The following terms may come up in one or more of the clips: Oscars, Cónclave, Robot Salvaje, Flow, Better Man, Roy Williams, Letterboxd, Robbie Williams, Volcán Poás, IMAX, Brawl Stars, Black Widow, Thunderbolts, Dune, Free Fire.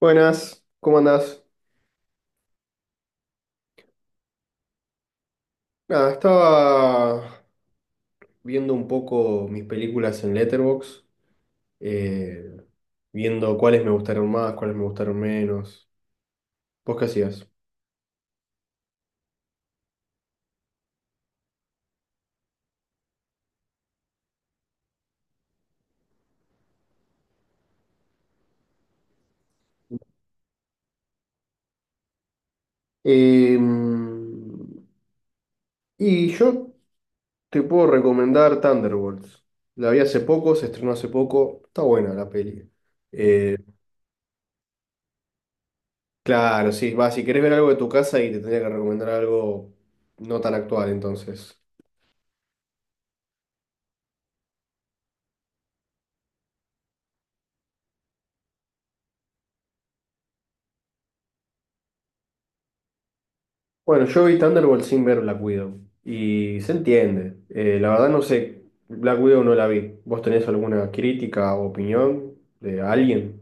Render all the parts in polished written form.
Buenas, ¿cómo andás? Nada, estaba viendo un poco mis películas en Letterboxd, eh, viendo cuáles me gustaron más, cuáles me gustaron menos. ¿Vos qué hacías? Eh, y yo te puedo recomendar Thunderbolts. La vi hace poco, se estrenó hace poco, está buena la peli. Claro, sí, va, si querés ver algo de tu casa y te tendría que recomendar algo no tan actual, entonces. Bueno, yo vi Thunderbolt sin ver Black Widow y se entiende. La verdad no sé, Black Widow no la vi. ¿Vos tenés alguna crítica o opinión de alguien?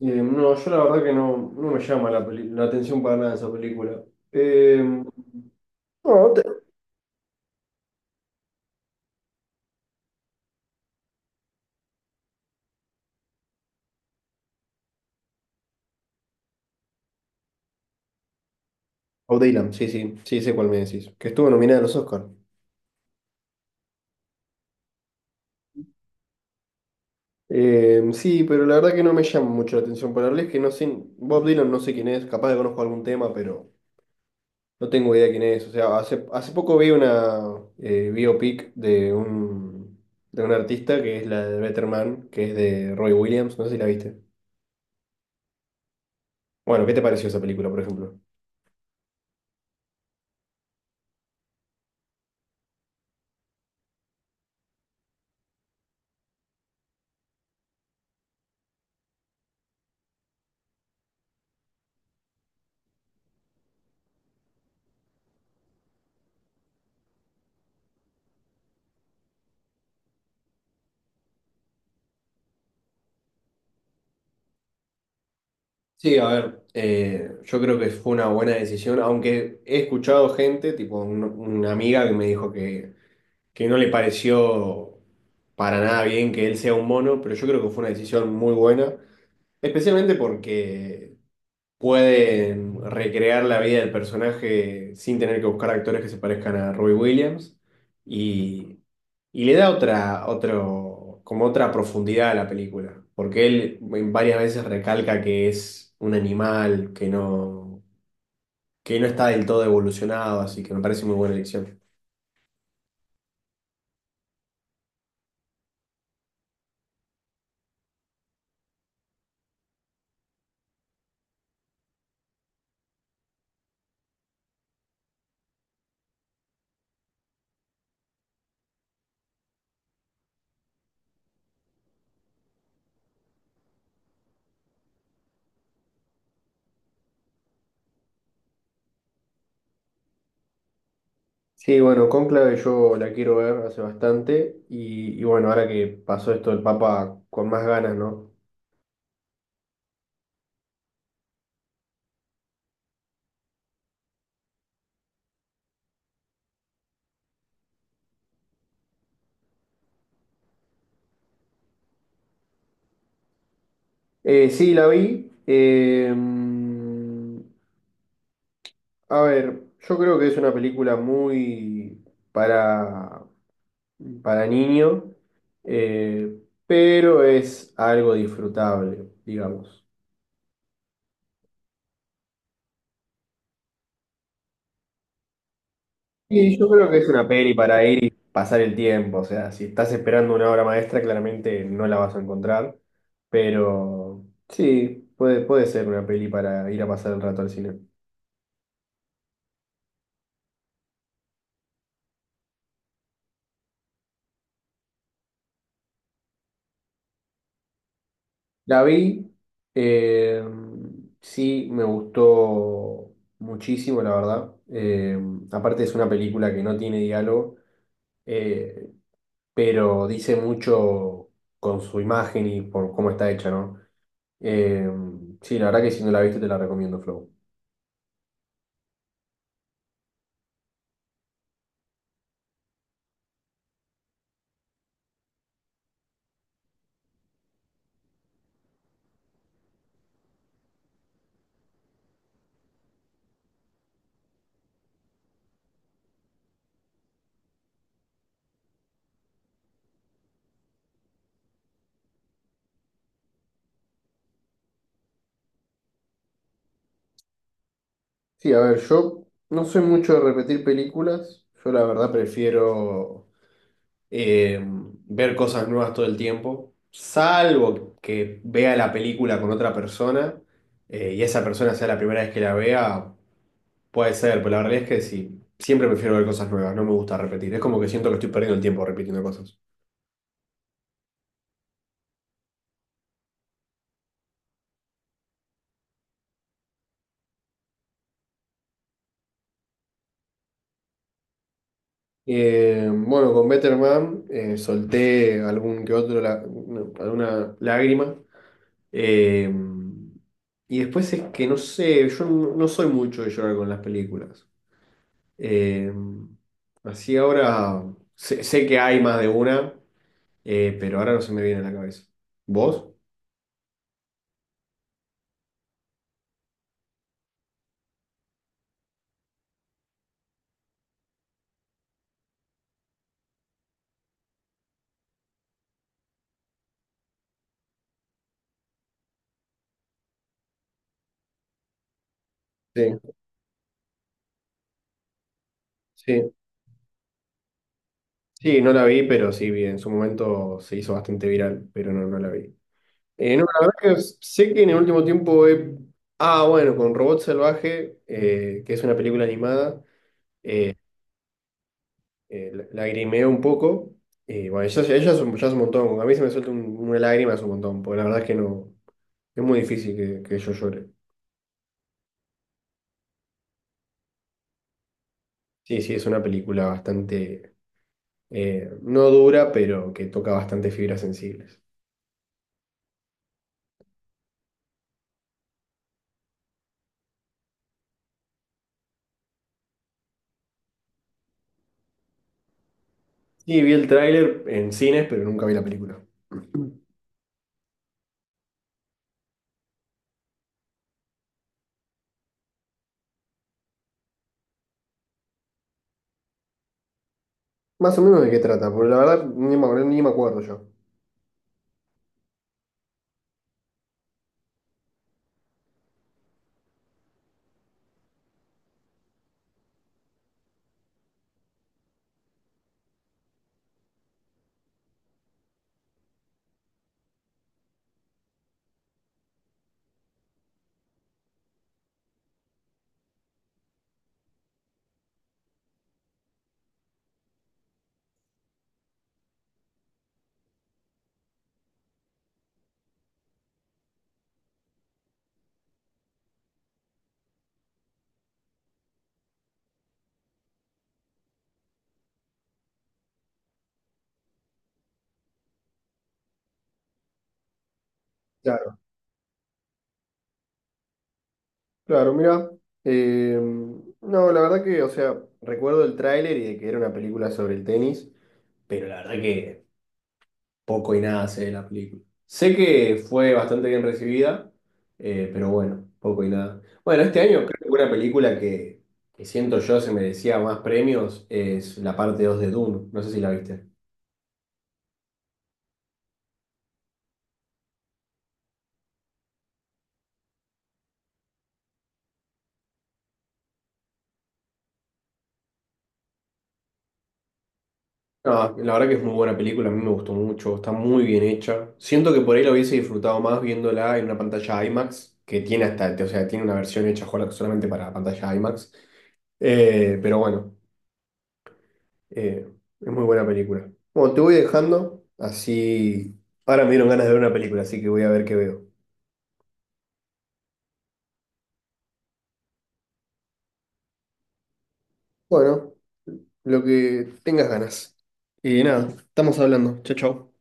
No, yo la verdad que no me llama la atención para nada esa película. Eh, no, o Dylan, sí, sí, sí, sé cuál me decís. Que estuvo nominada a los Oscars. Sí, pero la verdad que no me llama mucho la atención para hablar. Es que no sé, Bob Dylan no sé quién es, capaz de conozco algún tema, pero no tengo idea quién es. O sea, hace poco vi una biopic de de un artista que es la de Better Man, que es de Roy Williams. No sé si la viste. Bueno, ¿qué te pareció esa película, por ejemplo? Sí, a ver, yo creo que fue una buena decisión, aunque he escuchado gente, tipo una amiga que me dijo que no le pareció para nada bien que él sea un mono, pero yo creo que fue una decisión muy buena. Especialmente porque pueden recrear la vida del personaje sin tener que buscar actores que se parezcan a Robbie Williams y, y le da otro, como otra profundidad a la película, porque él en varias veces recalca que es un animal que que no está del todo evolucionado, así que me parece muy buena elección. Sí, bueno, Cónclave yo la quiero ver hace bastante y bueno, ahora que pasó esto del Papa con más ganas, ¿no? Sí, la vi. A ver, yo creo que es una película muy para, para niño, eh, pero es algo disfrutable, digamos. Y yo creo que es una peli para ir y pasar el tiempo. O sea, si estás esperando una obra maestra, claramente no la vas a encontrar. Pero sí, puede ser una peli para ir a pasar el rato al cine. La vi, eh, sí, me gustó muchísimo, la verdad. Aparte es una película que no tiene diálogo, eh, pero dice mucho con su imagen y por cómo está hecha, ¿no? Eh, sí, la verdad que si no la viste te la recomiendo, Flow. Sí, a ver, yo no soy mucho de repetir películas. Yo la verdad prefiero eh, ver cosas nuevas todo el tiempo, salvo que vea la película con otra persona y esa persona sea la primera vez que la vea. Puede ser, pero la realidad es que sí. Siempre prefiero ver cosas nuevas, no me gusta repetir. Es como que siento que estoy perdiendo el tiempo repitiendo cosas. Bueno, con Better Man solté algún que otro, no, alguna lágrima. Eh, y después es que no sé, yo no soy mucho de llorar con las películas. Eh, Así ahora sé que hay más de una, pero ahora no se me viene a la cabeza. ¿Vos? Sí, sí. Sí, no la vi, pero sí vi. En su momento se hizo bastante viral, pero no, no la vi. No, la verdad que sé que en el último tiempo he... Ah, bueno, con Robot Salvaje, que es una película animada. Lagrimeo un poco. Y bueno, ya es ya es un montón. A mí se me suelta una lágrima, es un montón, porque la verdad es que no, es muy difícil que yo llore. Sí, sí, es una película bastante, no dura, pero que toca bastante fibras sensibles. Sí, vi el tráiler en cines, pero nunca vi la película. Más o menos de qué trata, porque la verdad ni me acuerdo yo. Claro, claro, mira. eh, no, la verdad que, o sea, recuerdo el tráiler y de que era una película sobre el tenis, pero la verdad que poco y nada sé de la película. Sé que fue bastante bien recibida, pero bueno, poco y nada. Bueno, este año creo que una película que siento yo se merecía más premios es la parte 2 de Dune. No sé si la viste. No, la verdad que es muy buena película, a mí me gustó mucho, está muy bien hecha. Siento que por ahí la hubiese disfrutado más viéndola en una pantalla IMAX, que tiene hasta, o sea, tiene una versión hecha solamente para la pantalla IMAX. Eh, pero bueno. Eh, es muy buena película. Bueno, te voy dejando, así... Ahora me dieron ganas de ver una película, así que voy a ver qué veo. Bueno, lo que tengas ganas. Y nada, estamos hablando. Chau, chau.